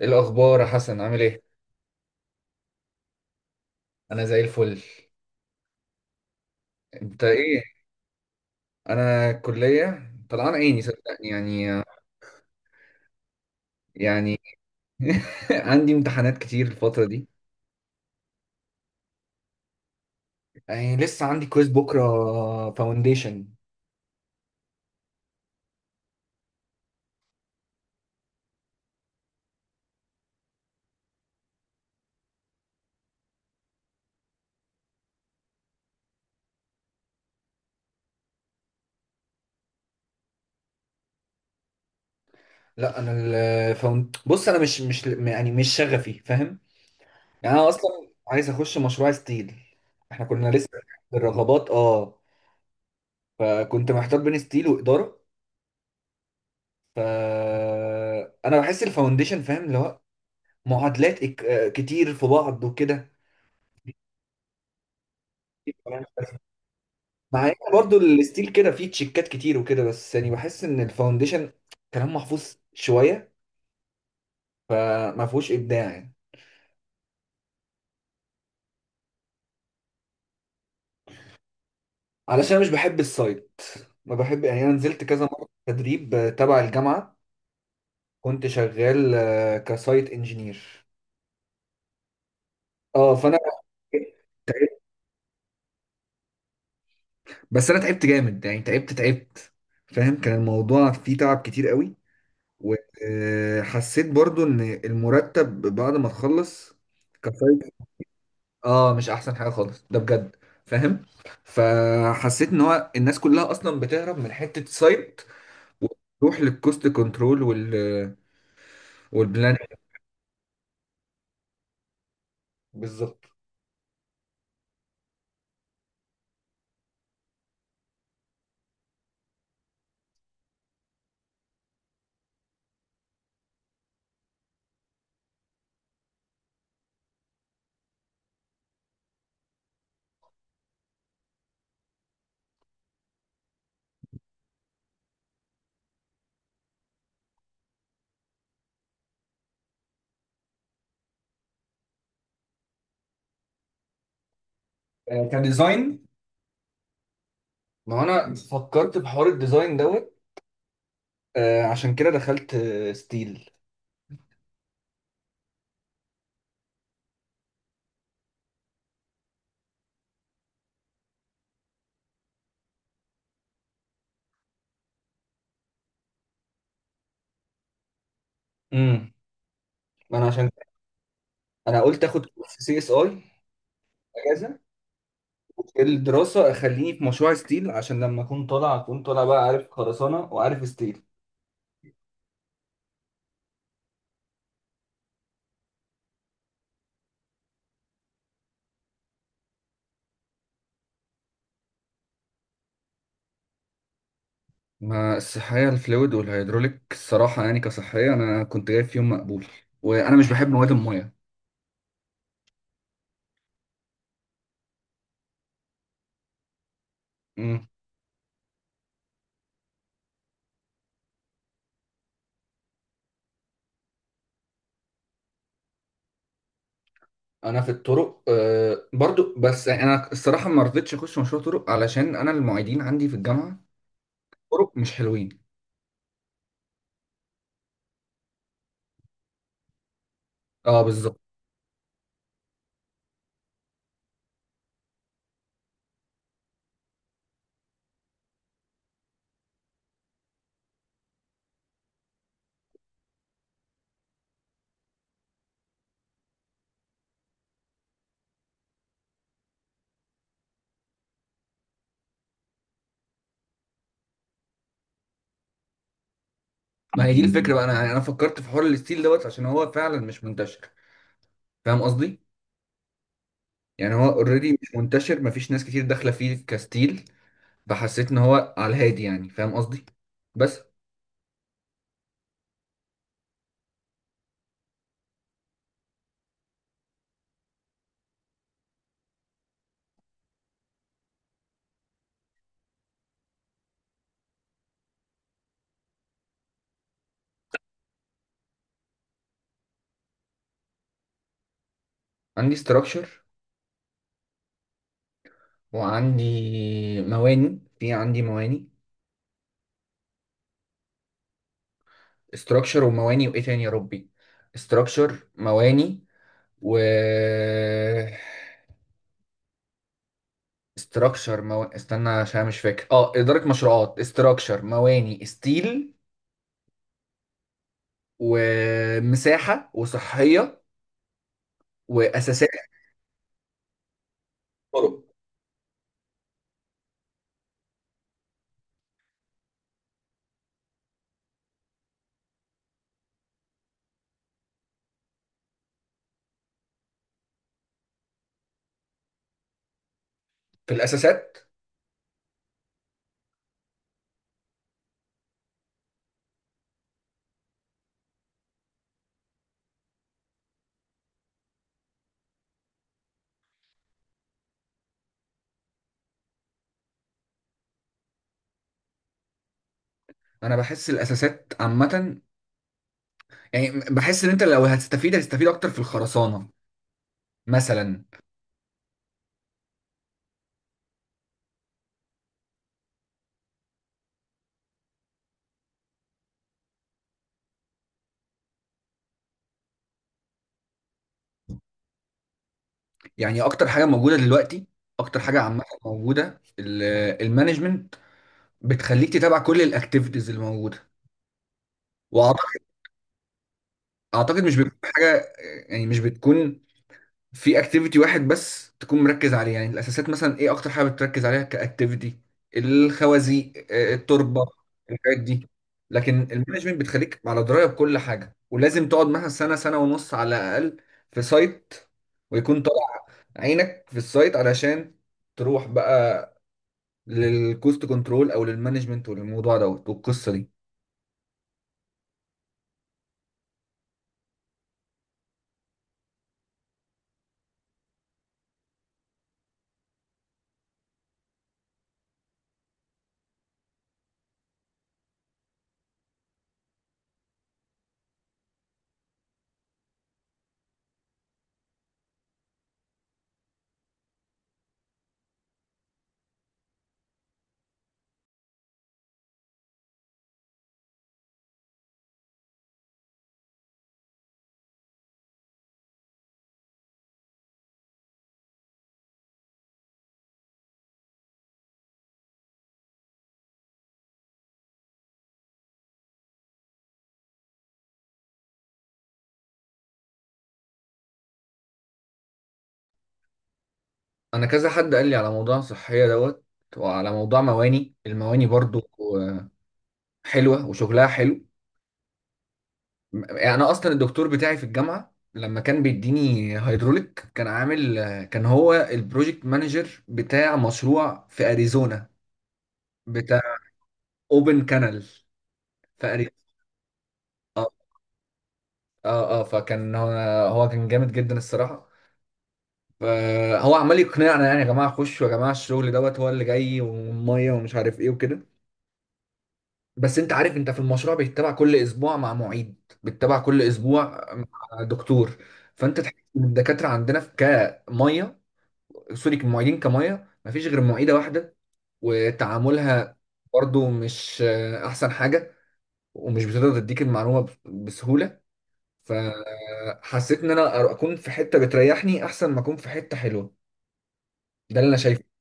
ايه الاخبار يا حسن عامل ايه؟ انا زي الفل. انت ايه؟ انا الكليه طلعان عيني صدقني يعني. يعني عندي امتحانات كتير الفتره دي. يعني لسه عندي كويز بكره، فاونديشن. لا انا الفاوند، بص انا مش يعني مش شغفي، فاهم؟ يعني انا اصلا عايز اخش مشروع ستيل. احنا كنا لسه في الرغبات، اه، فكنت محتار بين ستيل واداره. ف انا بحس الفاونديشن، فاهم، اللي هو معادلات كتير في بعض وكده. مع ان برضو الستيل كده فيه تشيكات كتير وكده، بس يعني بحس ان الفاونديشن كلام محفوظ شويه، فما فيهوش ابداع يعني. علشان أنا مش بحب السايت، ما بحب، يعني انا نزلت كذا مره تدريب تبع الجامعه، كنت شغال كسايت انجينير. اه فانا، بس انا تعبت جامد يعني، تعبت، فاهم، كان الموضوع فيه تعب كتير قوي. وحسيت برضو ان المرتب بعد ما تخلص كفايه. اه مش احسن حاجه خالص ده بجد، فاهم. فحسيت ان هو الناس كلها اصلا بتهرب من حته سايت، وتروح للكوست كنترول والبلان. بالظبط. كديزاين. ما هو انا فكرت بحوار الديزاين دوت، عشان كده دخلت ستيل. امم، ما انا عشان انا قلت اخد سي اس اي اجازه الدراسة، أخليني في مشروع ستيل، عشان لما أكون طالع أكون طالع بقى عارف خرسانة وعارف ستيل. ما الصحية الفلويد والهيدروليك الصراحة يعني كصحية أنا كنت جايب فيهم مقبول، وأنا مش بحب مواد المية. مم. أنا في الطرق آه برضو، بس أنا الصراحة ما رضيتش أخش مشروع طرق، علشان أنا المعيدين عندي في الجامعة طرق مش حلوين. أه بالظبط. ما هي دي الفكرة بقى، أنا يعني أنا فكرت في حوار الستيل دوت عشان هو فعلا مش منتشر. فاهم قصدي؟ يعني هو أوريدي مش منتشر، مفيش ناس كتير داخلة فيه كستيل، فحسيت ان هو على الهادي يعني، فاهم قصدي. بس عندي ستراكشر، وعندي مواني، عندي مواني، ستراكشر ومواني وايه تاني يا ربي، ستراكشر مواني و ستراكشر استنى عشان مش فاكر، اه اداره مشروعات، ستراكشر، مواني، ستيل، ومساحه، وصحيه، واساسات، طرق. في الاساسات، انا بحس الاساسات عامه، يعني بحس ان انت لو هتستفيد هتستفيد اكتر في الخرسانه مثلا. يعني اكتر حاجه موجوده دلوقتي، اكتر حاجه عامه موجوده، المانجمنت، بتخليك تتابع كل الاكتيفيتيز اللي موجوده. واعتقد، اعتقد مش بتكون حاجه، يعني مش بتكون في اكتيفيتي واحد بس تكون مركز عليه. يعني الاساسات مثلا ايه اكتر حاجه بتركز عليها كاكتيفيتي؟ الخوازيق، التربه، الحاجات دي. لكن المانجمنت بتخليك على درايه بكل حاجه، ولازم تقعد مثلا سنه سنه ونص على الاقل في سايت، ويكون طالع عينك في السايت، علشان تروح بقى للكوست كنترول او للمانجمنت وللموضوع دوت والقصه دي. انا كذا حد قال لي على موضوع صحيه دوت، وعلى موضوع مواني. المواني برضو حلوه وشغلها حلو. يعني انا اصلا الدكتور بتاعي في الجامعه لما كان بيديني هيدروليك، كان عامل، كان هو البروجكت مانجر بتاع مشروع في اريزونا، بتاع اوبن كانال في اريزونا. اه اه فكان هو، هو كان جامد جدا الصراحه. فهو عمال يقنعنا، يعني يا جماعه خشوا يا جماعه الشغل دوت هو اللي جاي، والميه ومش عارف ايه وكده. بس انت عارف، انت في المشروع بيتبع كل اسبوع مع معيد، بيتبع كل اسبوع مع دكتور. فانت تحس ان الدكاتره عندنا في كميه، سوري كمعيدين كميه، مفيش غير معيده واحده، وتعاملها برضو مش احسن حاجه، ومش بتقدر تديك المعلومه بسهوله. فحسيت ان انا اكون في حته بتريحني احسن ما اكون في حته حلوه. ده اللي انا شايفه.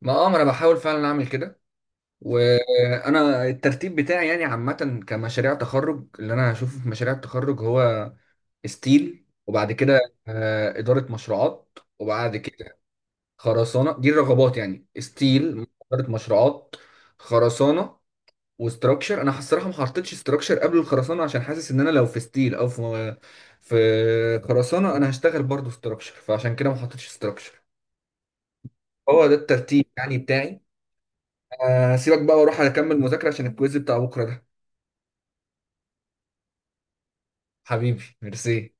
ما اه ما انا بحاول فعلا اعمل كده. وانا الترتيب بتاعي يعني عامه كمشاريع تخرج، اللي انا هشوفه في مشاريع التخرج هو ستيل، وبعد كده اداره مشروعات، وبعد كده خرسانه. دي الرغبات يعني، ستيل، اداره مشروعات، خرسانه، وستراكشر. انا الصراحه ما حطيتش ستراكشر قبل الخرسانه عشان حاسس ان انا لو في ستيل او في في خرسانه، انا هشتغل برضو ستراكشر، فعشان كده ما حطيتش ستراكشر. هو ده الترتيب يعني بتاعي. سيبك بقى واروح اكمل مذاكرة عشان الكويز بتاع بكرة ده. حبيبي ميرسي.